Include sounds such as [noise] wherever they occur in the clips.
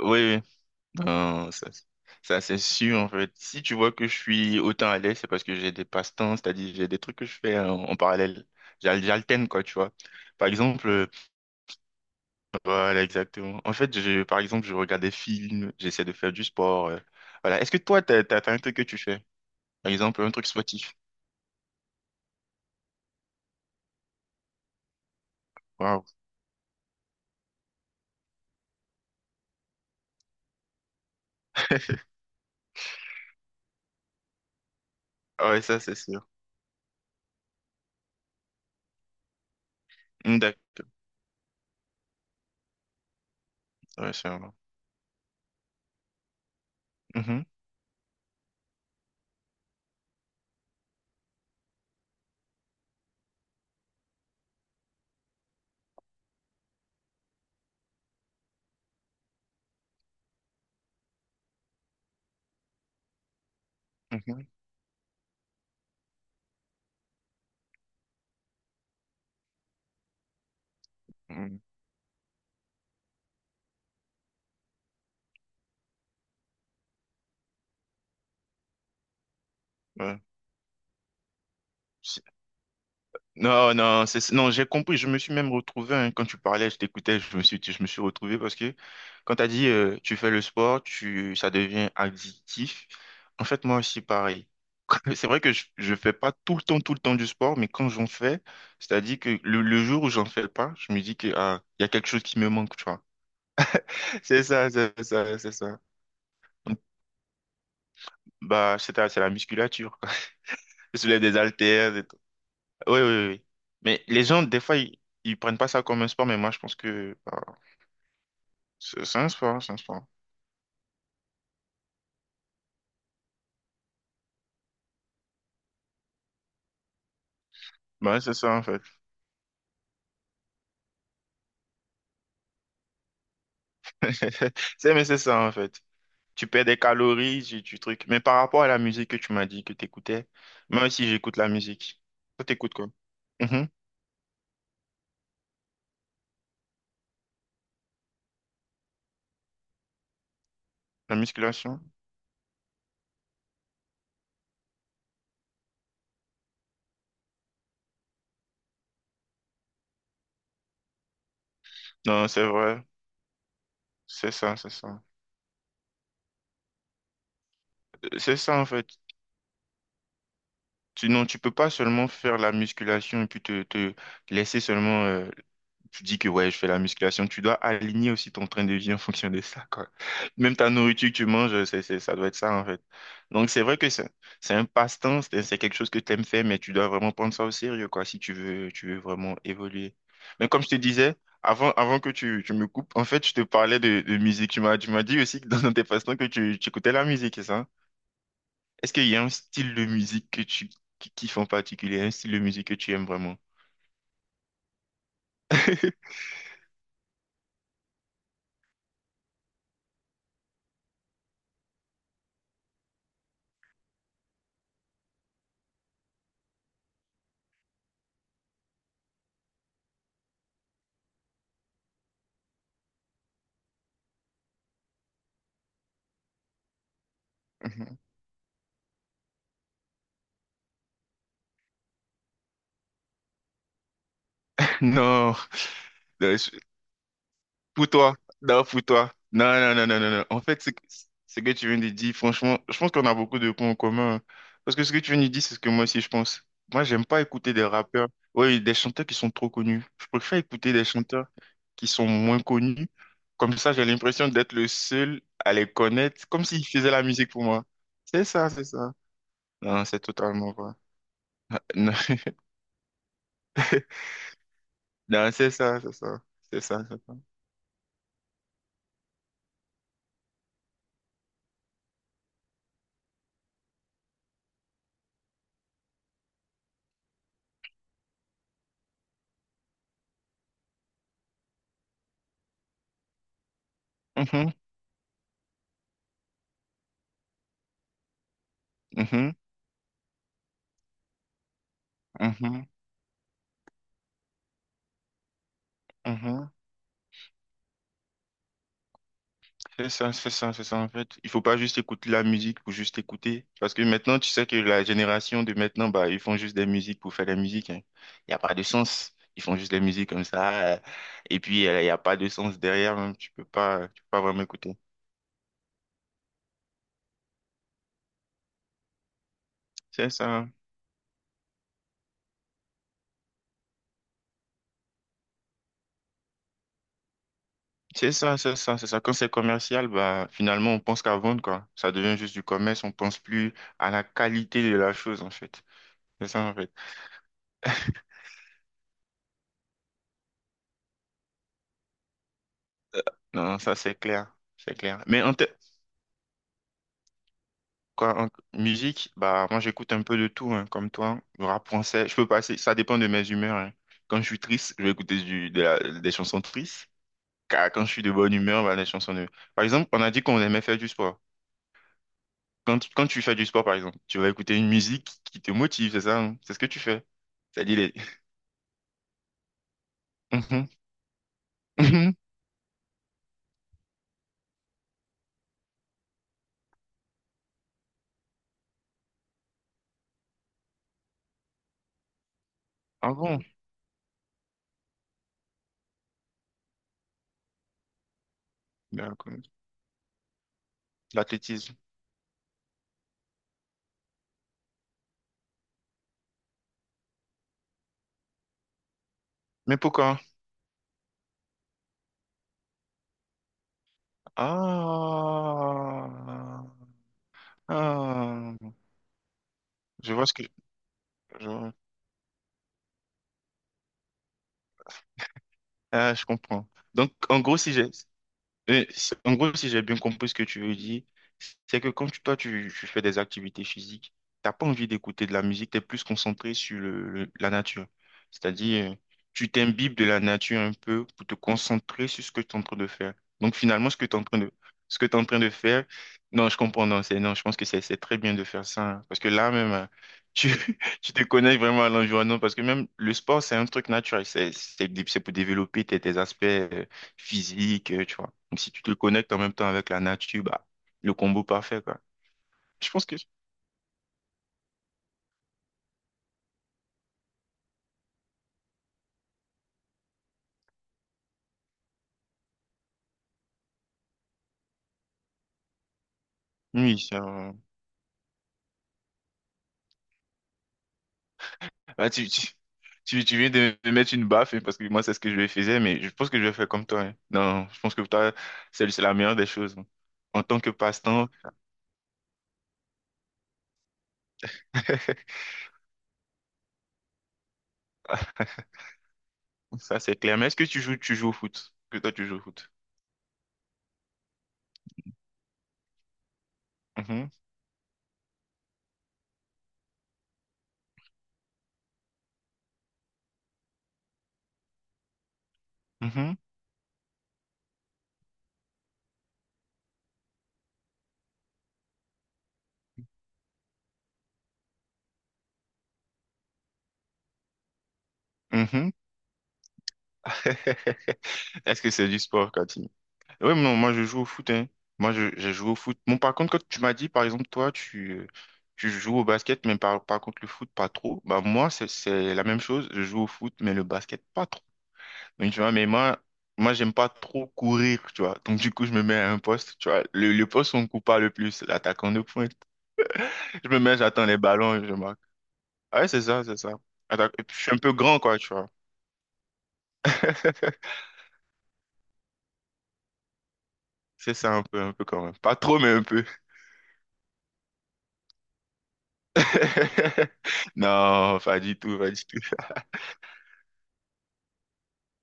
Oui, oui. Non, ça, c'est sûr, en fait. Si tu vois que je suis autant à l'aise, c'est parce que j'ai des passe-temps, c'est-à-dire j'ai des trucs que je fais en parallèle. J'alterne, quoi, tu vois. Par exemple, voilà, exactement. En fait, je, par exemple, je regarde des films, j'essaie de faire du sport. Voilà. Est-ce que toi, t'as un truc que tu fais? Par exemple, un truc sportif. Waouh. [laughs] Ah ouais, ça, c'est sûr. Mm, d'accord. Ouais, sûrement. Mhm, mhm, mm, ouais. Non, non, c'est, non, j'ai compris. Je me suis même retrouvé hein, quand tu parlais, je t'écoutais, je me suis retrouvé parce que quand tu as dit tu fais le sport, tu, ça devient addictif. En fait, moi aussi, pareil. [laughs] C'est vrai que je fais pas tout le temps du sport, mais quand j'en fais, c'est-à-dire que le jour où j'en fais pas, je me dis que ah, il y a quelque chose qui me manque, tu vois. [laughs] C'est ça. Donc, bah, c'est ça, c'est la musculature. Quoi. [laughs] Je soulève des haltères, oui. Mais les gens, des fois, ils prennent pas ça comme un sport, mais moi, je pense que bah, c'est un sport, c'est un sport. Bah, c'est ça, en fait. [laughs] Mais c'est ça, en fait. Tu perds des calories, tu trucs. Mais par rapport à la musique que tu m'as dit que tu écoutais, moi aussi, j'écoute la musique. Toi, t'écoutes quoi? Mhm. La musculation? Non, c'est vrai. C'est ça, c'est ça. C'est ça, en fait. Tu, non, tu peux pas seulement faire la musculation et puis te laisser seulement... tu dis que ouais, je fais la musculation. Tu dois aligner aussi ton train de vie en [laughs] fonction de ça, quoi. Même ta nourriture que tu manges, ça doit être ça, en fait. Donc, c'est vrai que c'est un passe-temps, c'est quelque chose que tu aimes faire, mais tu dois vraiment prendre ça au sérieux, quoi, si tu veux vraiment évoluer. Mais comme je te disais, avant que tu me coupes, en fait, je te parlais de musique. Tu m'as dit aussi que dans tes passe-temps que tu écoutais la musique, c'est ça? Est-ce qu'il y a un style de musique que tu qui kiffes en particulier, un style de musique que tu aimes vraiment? [laughs] Non, non, je- pour toi, non, pour toi. Non. En fait, ce que tu viens de dire, franchement, je pense qu'on a beaucoup de points en commun. Hein. Parce que ce que tu viens de dire, c'est ce que moi aussi je pense. Moi, j'aime pas écouter des rappeurs, oui, des chanteurs qui sont trop connus. Je préfère écouter des chanteurs. Qui sont moins connues. Comme ça, j'ai l'impression d'être le seul à les connaître, comme s'ils faisaient la musique pour moi. C'est ça, c'est ça. Non, c'est totalement vrai. Non, [laughs] non, c'est ça, c'est ça. C'est ça, c'est ça. Mhm, mhm, mhm, mhm. C'est ça, en fait. Il faut pas juste écouter la musique pour juste écouter. Parce que maintenant, tu sais que la génération de maintenant, bah, ils font juste des musiques pour faire des musiques, hein. Il n'y a pas de sens. Ils font juste des musiques comme ça. Et puis, il n'y a pas de sens derrière, même. Tu peux pas vraiment écouter. C'est ça. C'est ça. Quand c'est commercial, bah, finalement, on pense qu'à vendre, quoi. Ça devient juste du commerce, on pense plus à la qualité de la chose, en fait. C'est ça, en fait. [laughs] Non, ça, c'est clair. C'est clair. Mais quoi, en musique, bah, moi, j'écoute un peu de tout, hein, comme toi. Le rap français, je peux passer, ça dépend de mes humeurs, hein. Quand je suis triste, je vais écouter des chansons tristes. Car quand je suis de bonne humeur, bah, des chansons de... Par exemple, on a dit qu'on aimait faire du sport. Quand tu fais du sport, par exemple, tu vas écouter une musique qui te motive, c'est ça, hein. C'est ce que tu fais. C'est dit les... Mhm, mhm. Ah bon? D'accord. L'athlétisme. Mais pourquoi? Ah, ah. Je vois ce que... je vois. Ah, je comprends. Donc, en gros, si j'ai... en gros, si j'ai bien compris ce que tu veux dire, c'est que toi, tu fais des activités physiques, t'as pas envie d'écouter de la musique, tu es plus concentré sur la nature. C'est-à-dire, tu t'imbibes de la nature un peu pour te concentrer sur ce que tu es en train de faire. Donc finalement, ce que tu en train de faire, non, je comprends, non, c'est, non, je pense que c'est très bien de faire ça. Hein, parce que là même, hein, tu, [laughs] tu te connais vraiment à l'environnement, parce que même le sport, c'est un truc naturel, c'est pour développer tes aspects physiques, tu vois. Donc, si tu te connectes en même temps avec la nature, bah, le combo parfait, quoi. Je pense que oui, c'est un- Ah, tu viens de me mettre une baffe, hein, parce que moi, c'est ce que je faisais, mais je pense que je vais faire comme toi. Hein. Non, je pense que toi, c'est la meilleure des choses. Hein. En tant que passe-temps, [laughs] ça, c'est clair. Mais est-ce que tu joues au foot? Que toi, tu joues au foot? Mhm, mhm, mhm. [laughs] Est-ce que c'est du sport, quand oui, non, moi je joue au foot, hein. Moi je, j'ai joué au foot. Bon, par contre, quand tu m'as dit, par exemple, toi, tu joues au basket, mais par contre le foot, pas trop. Bah moi, c'est la même chose. Je joue au foot, mais le basket, pas trop. Donc, tu vois, moi, j'aime pas trop courir, tu vois. Donc du coup, je me mets à un poste, tu vois. Le poste où on coupe pas le plus, l'attaquant de pointe. [laughs] Je me mets, j'attends les ballons et je marque. Ah ouais, c'est ça, c'est ça. Attaque- et puis, je suis un peu grand, quoi, tu vois. [laughs] C'est ça un peu quand même. Pas trop, mais un peu. [laughs] Non, pas du tout, pas du tout.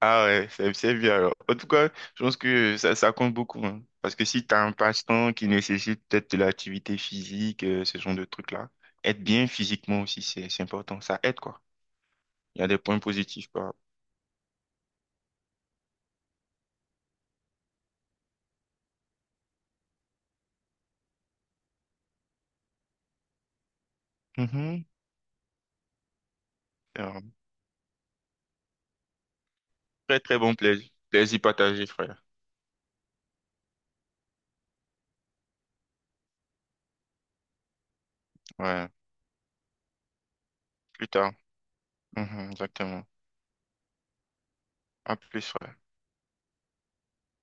Ah ouais, c'est bien alors. En tout cas, je pense que ça compte beaucoup. Hein. Parce que si tu as un passe-temps qui nécessite peut-être de l'activité physique, ce genre de trucs-là, être bien physiquement aussi, c'est important. Ça aide, quoi. Il y a des points positifs, quoi. Mhm. C'est un très, très bon plaisir. Plaisir partagé, frère. Ouais, plus tard. Mhm, exactement. À plus, frère.